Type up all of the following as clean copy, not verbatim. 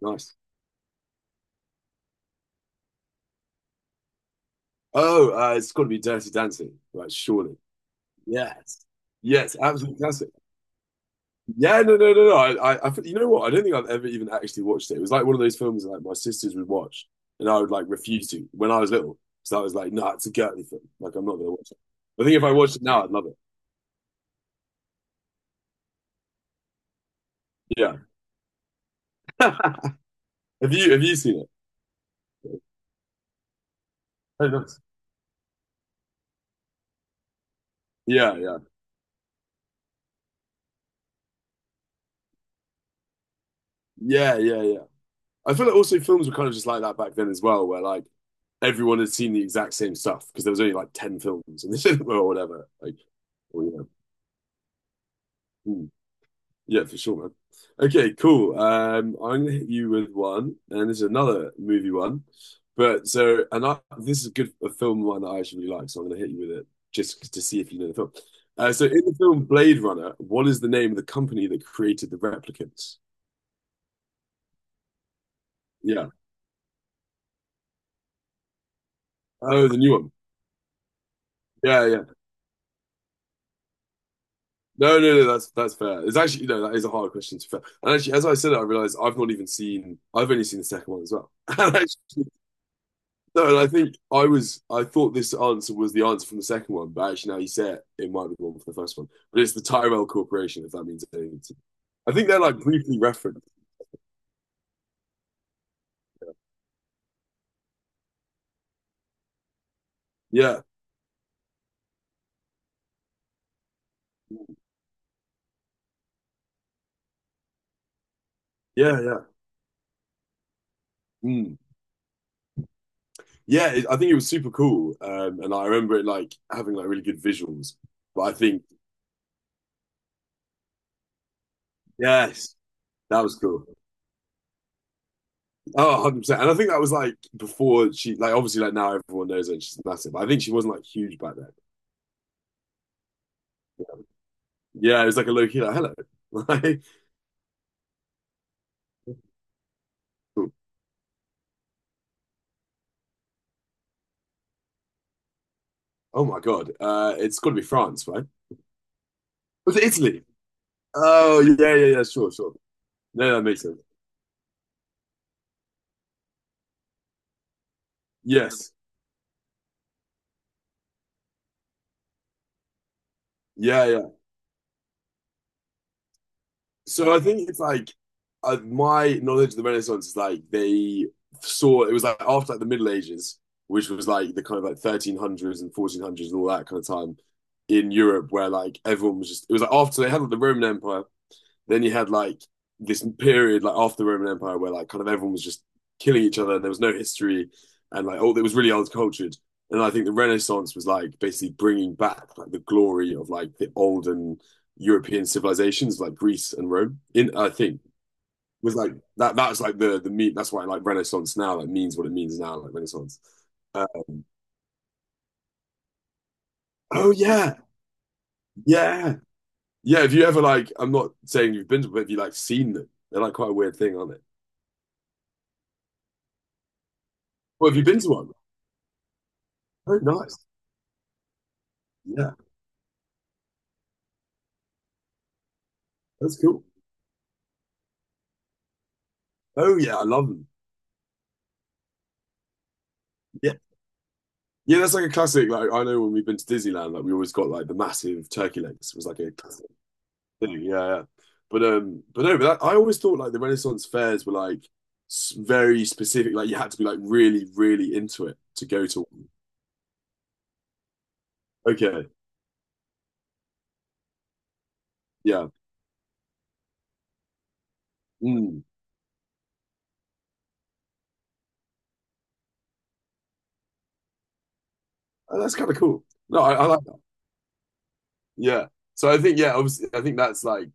Nice. Oh, it's got to be Dirty Dancing, right? Surely. Yes. Yes, absolutely classic. Yeah, no, no, no, no. Think- you know what? I don't think I've ever even actually watched it. It was like one of those films that like my sisters would watch, and I would like refuse to when I was little. So I was like, "Nah, it's a girly film. Like, I'm not gonna watch it." I think if I watched it now, I'd love it. Yeah. Have you seen it? Oh, nice. Yeah, yeah, yeah, yeah, yeah. I feel like also films were kind of just like that back then as well, where like everyone had seen the exact same stuff because there was only like 10 films and the or whatever. Like, oh yeah. Hmm. Yeah, for sure, man. Okay, cool. I'm gonna hit you with one, and this is another movie one. But so, this is a good a film one that I actually really like, so I'm gonna hit you with it just to see if you know the film. So in the film Blade Runner, what is the name of the company that created the replicants? Yeah. Oh, the new one. Yeah, yeah. No, no, no, that's fair. It's actually, no, that is a hard question to be fair. And actually, as I said it, I realized I've not even seen, I've only seen the second one as well. And actually, no, and I think I was, I thought this answer was the answer from the second one, but actually now you say it, it might be the one for the first one. But it's the Tyrell Corporation, if that means anything to you. I think they're like briefly referenced. Yeah, yeah, yeah. Mm. Yeah, it, I think it was super cool. And I remember it like having like really good visuals. But I think, yes, that was cool. Oh, 100%. And I think that was like before she like obviously like now everyone knows her and she's massive. But I think she wasn't like huge back then. Yeah, it was like a low key like hello. Like, oh my God. It's gotta be France, right? Was it Italy? Oh yeah, yeah, yeah, sure, sure. No, that makes sense. Yes. Yeah, yeah. So I think it's like my knowledge of the Renaissance is like they saw it was like after like the Middle Ages, which was like the kind of like 1300s and 1400s and all that kind of time in Europe, where like everyone was just it was like after they had like, the Roman Empire, then you had like this period like after the Roman Empire where like kind of everyone was just killing each other. There was no history, and like oh, it was really old cultured. And I think the Renaissance was like basically bringing back like the glory of like the olden European civilizations like Greece and Rome. In I think was like that. That's like the meat. That's why like Renaissance now like means what it means now like Renaissance. Um, oh yeah, yeah, yeah. If you ever like, I'm not saying you've been to, but have you like seen them? They're like quite a weird thing, aren't they? Well, have you been to one? Oh, nice. Yeah, that's cool. Oh yeah, I love them. Yeah, yeah, that's like a classic. Like I know when we've been to Disneyland, like we always got like the massive turkey legs. It was like a classic thing. Yeah, yeah. But no, but that, I always thought like the Renaissance fairs were like s- very specific. Like you had to be like really, really into it to go to one. Okay, yeah, mm. Oh, that's kind of cool. No, I like that. Yeah. So I think yeah, obviously, I think that's like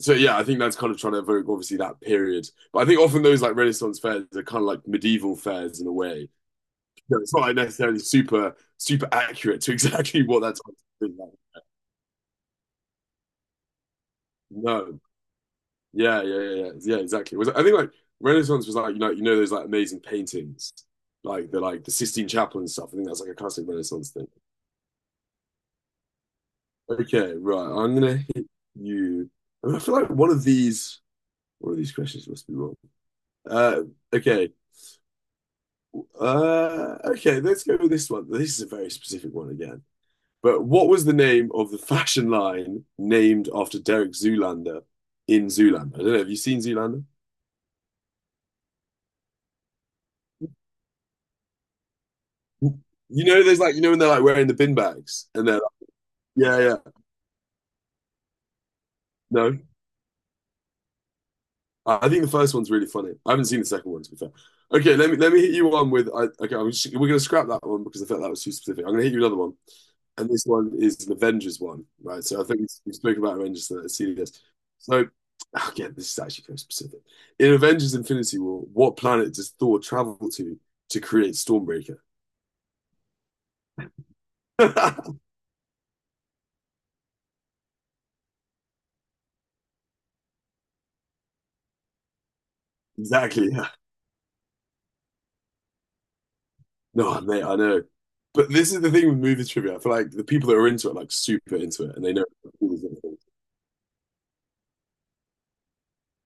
so yeah, I think that's kind of trying to evoke obviously that period. But I think often those like Renaissance fairs are kind of like medieval fairs in a way. You know, it's not like necessarily super super accurate to exactly what that time was like. No, yeah, yeah, yeah, yeah, yeah, exactly. It was I think like Renaissance was like you know those like amazing paintings, like the Sistine Chapel and stuff. I think that's like a classic Renaissance thing. Okay, right. I'm gonna hit you. I mean, I feel like one of these questions must be wrong. Uh, okay. Okay, let's go with this one. This is a very specific one again. But what was the name of the fashion line named after Derek Zoolander in Zoolander? I don't know. Have you seen Zoolander? You know, there's like, you know, when they're like wearing the bin bags and they're like, yeah, yeah, no. I think the first one's really funny. I haven't seen the second one, to be fair. Okay, let me hit you one with I, okay. I'm just, we're gonna scrap that one because I felt that was too specific. I'm gonna hit you another one, and this one is an Avengers one, right? So I think we spoke about Avengers, so let's see this. So again, this is actually very specific. In Avengers: Infinity War, what planet does Thor travel to create Stormbreaker? Exactly. Yeah. No, mate, I know. But this is the thing with movie trivia. I feel like the people that are into it, like super into it, and they know all these little things.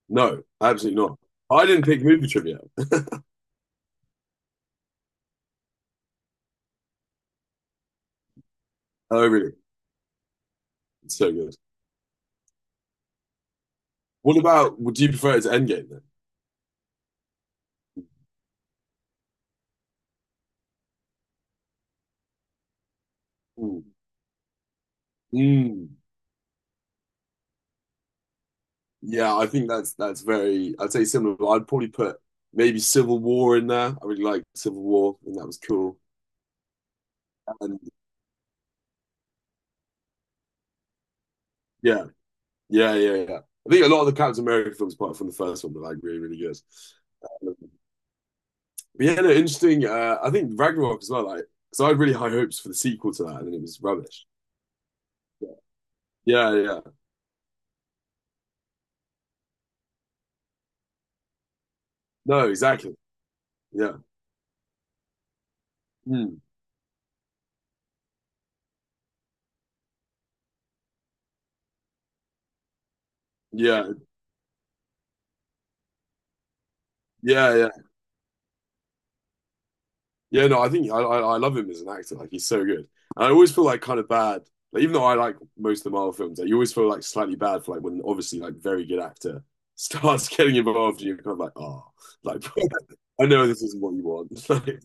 No, absolutely not. I didn't pick movie trivia. Oh, really? It's so good. What about, would you prefer it to Endgame then? Mm. Mm. Yeah, I think that's very, I'd say similar, but I'd probably put maybe Civil War in there. I really liked Civil War, and that was cool. And yeah, yeah, yeah, yeah. I think a lot of the Captain America films, apart from the first one, were like really, really good. Um, but yeah, no, interesting. I think Ragnarok as well, like, because I had really high hopes for the sequel to that, and then it was rubbish. Yeah, yeah, yeah. No, exactly. Yeah. Mm. Yeah, yeah, yeah, yeah. No, I think I love him as an actor. Like he's so good. And I always feel like kind of bad. Like even though I like most of the Marvel films, like, you always feel like slightly bad for like when obviously like very good actor starts getting involved, and you're kind of like, oh, like I know this isn't what you want. It's like,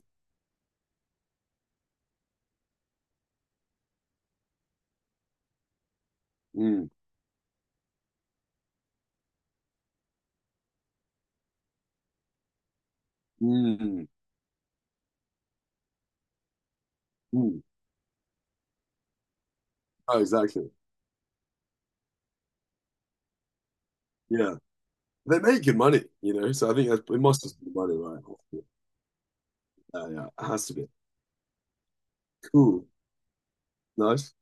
mm, mm, mm. Oh, exactly. Yeah, they're making money. So I think that's, it must just be money, right? Yeah, yeah, it has to be. Cool, nice.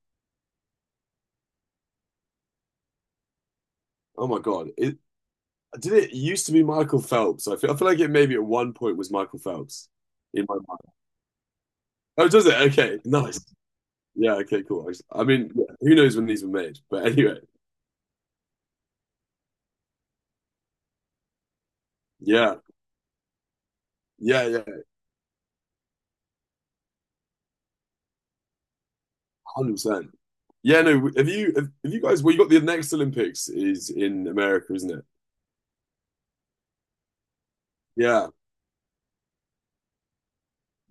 Oh my God, it, did it used to be Michael Phelps? I feel like it maybe at one point was Michael Phelps in my mind. Oh, does it? Okay, nice. Yeah, okay, cool. I mean, yeah, who knows when these were made? But anyway, yeah, yeah, yeah, 100%. Yeah, no, have you guys, well, you got the next Olympics is in America, isn't it? Yeah.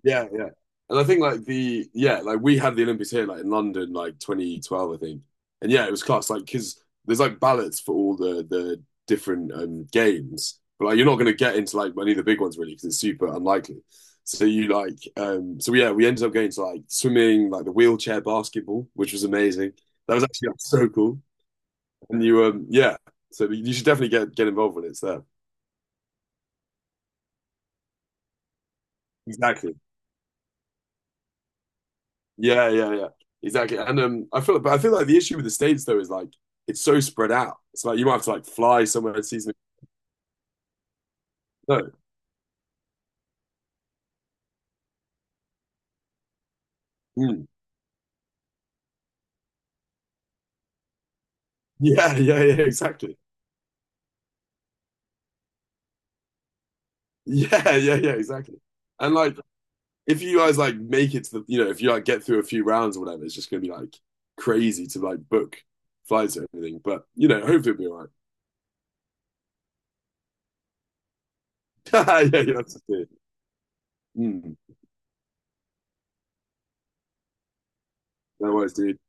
Yeah, yeah. And I think like the yeah, like we had the Olympics here like in London like 2012 I think. And yeah, it was class like cuz there's like ballots for all the different games. But like you're not going to get into like any of the big ones really cuz it's super unlikely. So you like so yeah, we ended up going to like swimming, like the wheelchair basketball, which was amazing. That was actually like, so cool. And you yeah, so you should definitely get involved when it's there. Exactly. Yeah, yeah, yeah. Exactly. And I feel, but I feel like the issue with the States though is like it's so spread out. It's like you might have to like fly somewhere and see some. No. Mm. Yeah, yeah, yeah. Exactly. Yeah, yeah, yeah. Exactly. And like, if you guys like make it to the, you know, if you like get through a few rounds or whatever, it's just gonna be like crazy to like book flights and everything. But you know, hopefully it'll be all right. Yeah, yeah. That's it. Mm. No worries, dude.